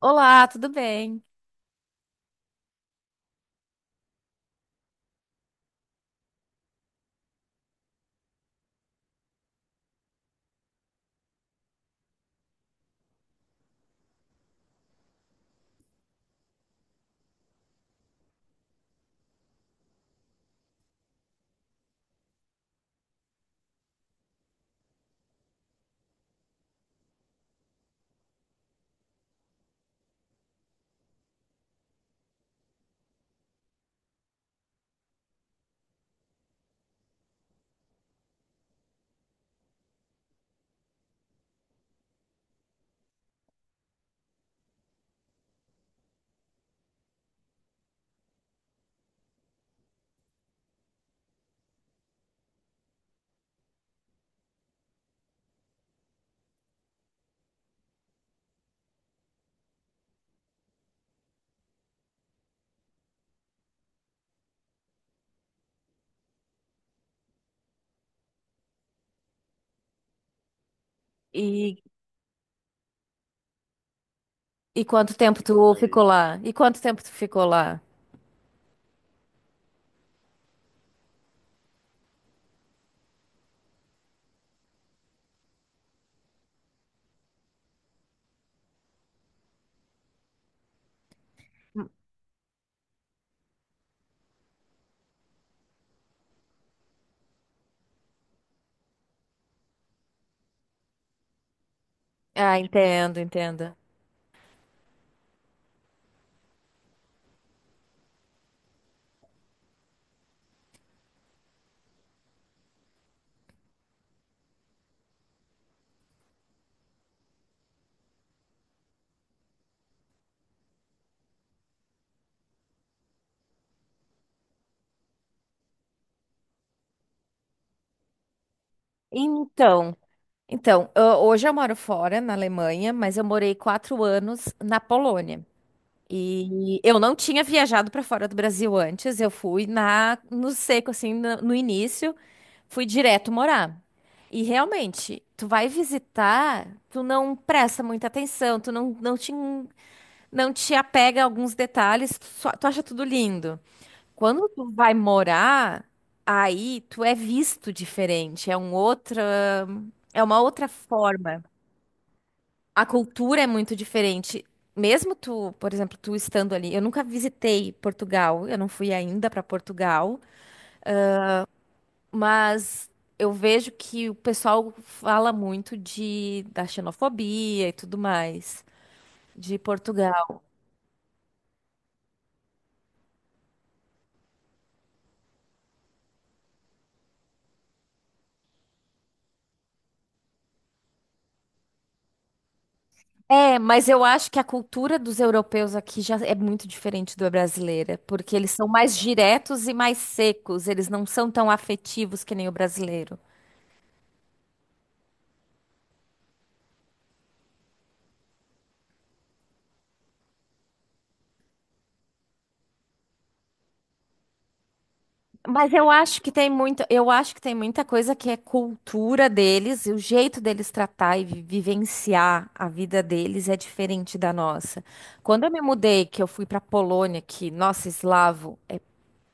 Olá, tudo bem? E, e quanto tempo tu ficou lá? E quanto tempo tu ficou lá? Ah, entendo, entendo. Então, então, hoje eu moro fora, na Alemanha, mas eu morei 4 anos na Polônia. E eu não tinha viajado para fora do Brasil antes, eu fui no seco, assim, no início, fui direto morar. E realmente, tu vai visitar, tu não presta muita atenção, tu não, não te Não te apega a alguns detalhes, tu acha tudo lindo. Quando tu vai morar, aí tu é visto diferente, é uma outra forma. A cultura é muito diferente. Mesmo tu, por exemplo, tu estando ali, eu nunca visitei Portugal, eu não fui ainda para Portugal, mas eu vejo que o pessoal fala muito de da xenofobia e tudo mais de Portugal. É, mas eu acho que a cultura dos europeus aqui já é muito diferente da brasileira, porque eles são mais diretos e mais secos, eles não são tão afetivos que nem o brasileiro. Mas eu acho que tem muito, eu acho que tem muita coisa que é cultura deles, e o jeito deles tratar e vivenciar a vida deles é diferente da nossa. Quando eu me mudei, que eu fui para Polônia, que, nossa, eslavo,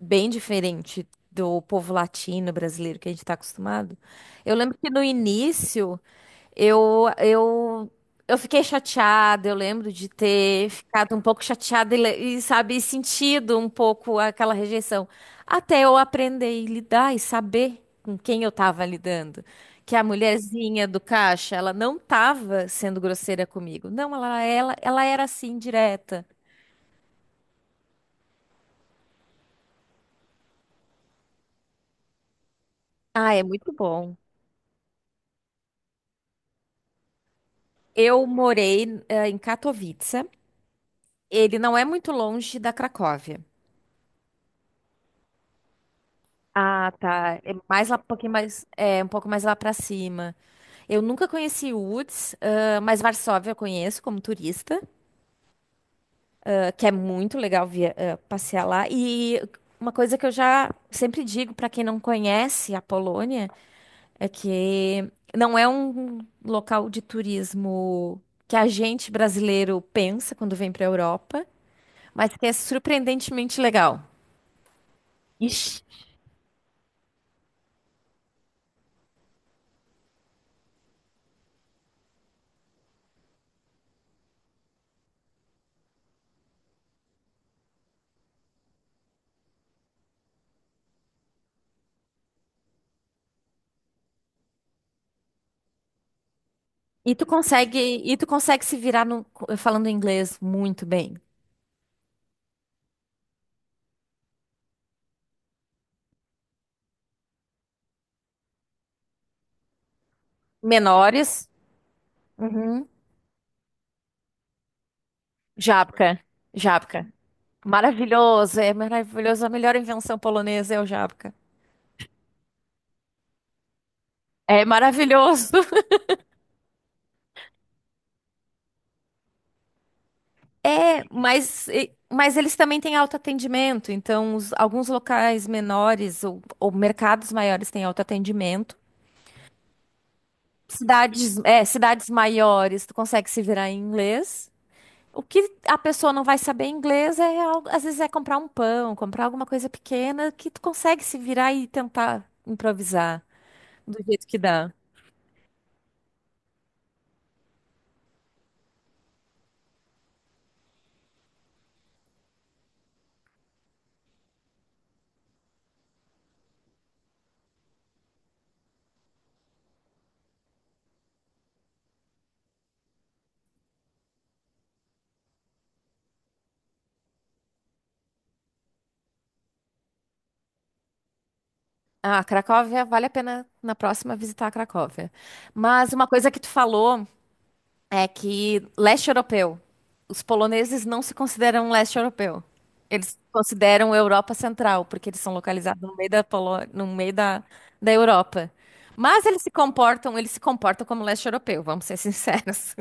bem diferente do povo latino brasileiro que a gente está acostumado. Eu lembro que no início eu, eu, eu fiquei chateada, eu lembro de ter ficado um pouco chateada e, e, sabe, sentido um pouco aquela rejeição. Até eu aprender e lidar e saber com quem eu estava lidando. Que a mulherzinha do caixa, ela não estava sendo grosseira comigo. Não, ela era assim, direta. Ah, é muito bom. Eu morei, em Katowice. Ele não é muito longe da Cracóvia. Ah, tá. É mais lá, um pouquinho mais, é, um pouco mais lá pra cima. Eu nunca conheci Łódź, ah, mas Varsóvia eu conheço como turista, ah, que é muito legal via, ah, passear lá. E uma coisa que eu já sempre digo pra quem não conhece a Polônia é que não é um local de turismo que a gente brasileiro pensa quando vem pra Europa, mas que é surpreendentemente legal. Ixi. E tu consegue se virar falando inglês muito bem. Menores. Uhum. Jabka, Jábca. Maravilhoso, é maravilhoso. A melhor invenção polonesa é o jabka. É maravilhoso. É, mas, mas eles também têm autoatendimento. Então, alguns locais menores ou mercados maiores têm autoatendimento. Cidades, é, cidades maiores, tu consegue se virar em inglês. O que a pessoa não vai saber inglês é, às vezes, é comprar um pão, comprar alguma coisa pequena que tu consegue se virar e tentar improvisar do jeito que dá. Ah, Cracóvia, vale a pena na próxima visitar a Cracóvia. Mas uma coisa que tu falou é que leste europeu, os poloneses não se consideram leste europeu. Eles se consideram Europa Central, porque eles são localizados no meio da no meio da, da Europa. Mas eles se comportam como leste europeu, vamos ser sinceros.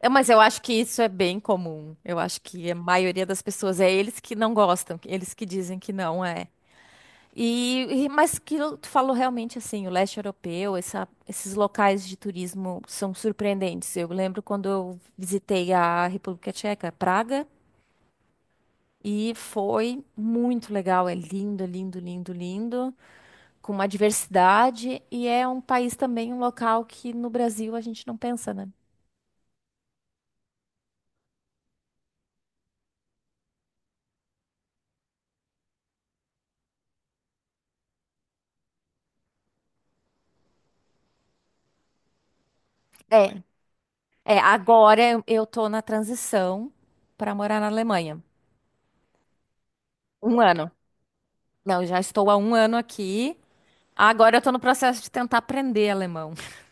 É, mas eu acho que isso é bem comum. Eu acho que a maioria das pessoas é eles que não gostam, eles que dizem que não é. E, tu falou realmente assim, o leste europeu, esses locais de turismo são surpreendentes. Eu lembro quando eu visitei a República Tcheca, Praga, e foi muito legal. É lindo, lindo, lindo, lindo, com uma diversidade e é um país também, um local que no Brasil a gente não pensa, né? É, é, agora eu tô na transição para morar na Alemanha. Um ano. Não, já estou há um ano aqui. Agora eu tô no processo de tentar aprender alemão.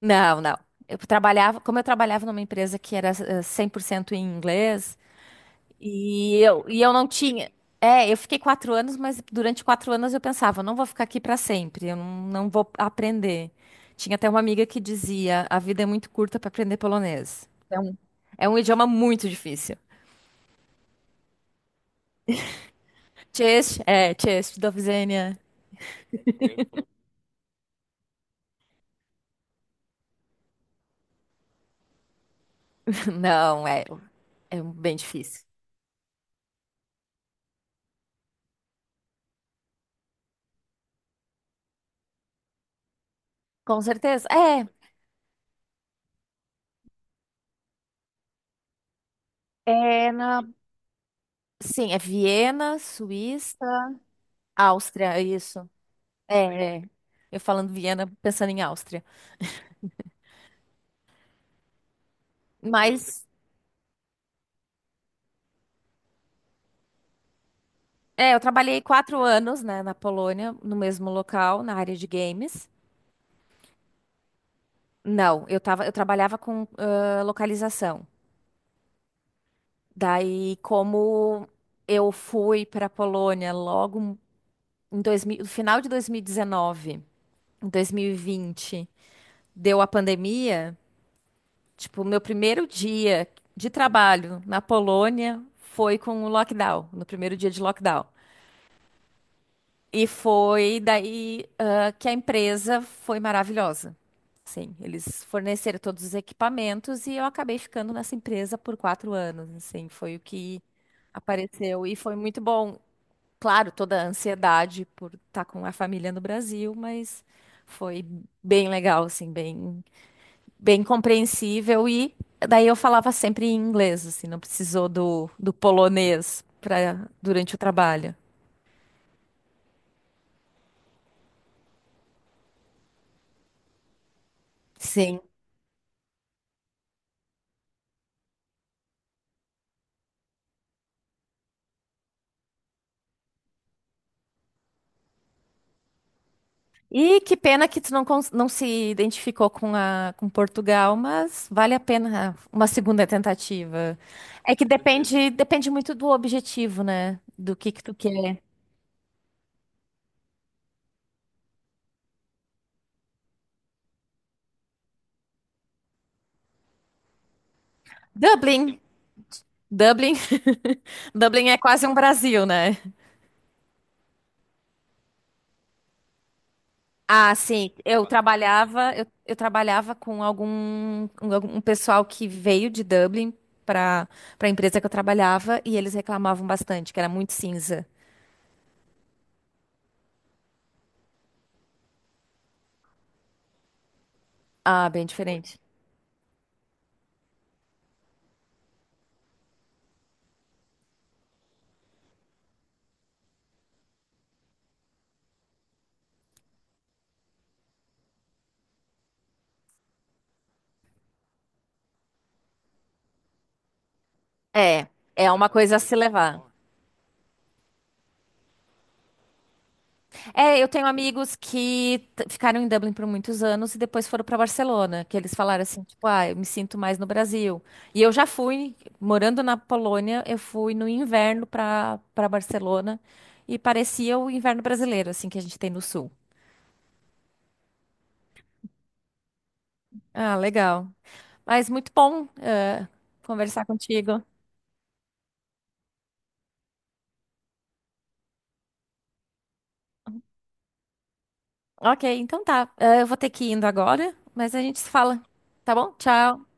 Não, não. Eu trabalhava, como eu trabalhava numa empresa que era 100% em inglês, e eu não tinha. É, eu fiquei 4 anos, mas durante 4 anos eu pensava, não vou ficar aqui para sempre, eu não, não vou aprender. Tinha até uma amiga que dizia, a vida é muito curta para aprender polonês. É um idioma muito difícil. Chess, Dovzenia. Não, é, é bem difícil. Com certeza. É, é na, sim, é Viena, Suíça, Áustria, é isso. É, é. Eu falando Viena, pensando em Áustria. Mas, é, eu trabalhei 4 anos, né, na Polônia, no mesmo local, na área de games. Não, eu tava, eu trabalhava com ah, localização. Daí, como eu fui para a Polônia logo em 2000, no final de 2019. Em 2020, deu a pandemia, tipo, o meu primeiro dia de trabalho na Polônia foi com o lockdown, no primeiro dia de lockdown. E foi daí, ah, que a empresa foi maravilhosa. Sim, eles forneceram todos os equipamentos e eu acabei ficando nessa empresa por 4 anos. Assim, foi o que apareceu e foi muito bom. Claro, toda a ansiedade por estar com a família no Brasil, mas foi bem legal, assim, bem compreensível e daí eu falava sempre em inglês, assim, não precisou do, do polonês para durante o trabalho. Sim. E que pena que tu não, não se identificou com a com Portugal, mas vale a pena uma segunda tentativa. É que depende muito do objetivo, né? Do que tu quer. Dublin, Dublin, Dublin é quase um Brasil, né? Ah, sim. Eu trabalhava, eu trabalhava com um pessoal que veio de Dublin para a empresa que eu trabalhava e eles reclamavam bastante, que era muito cinza. Ah, bem diferente. É, é uma coisa a se levar. É, eu tenho amigos que ficaram em Dublin por muitos anos e depois foram para Barcelona, que eles falaram assim, tipo, ah, eu me sinto mais no Brasil. E eu já fui, morando na Polônia, eu fui no inverno para Barcelona e parecia o inverno brasileiro, assim, que a gente tem no sul. Ah, legal. Mas muito bom, conversar contigo. Ok, então tá. Eu vou ter que ir indo agora, mas a gente se fala, tá bom? Tchau.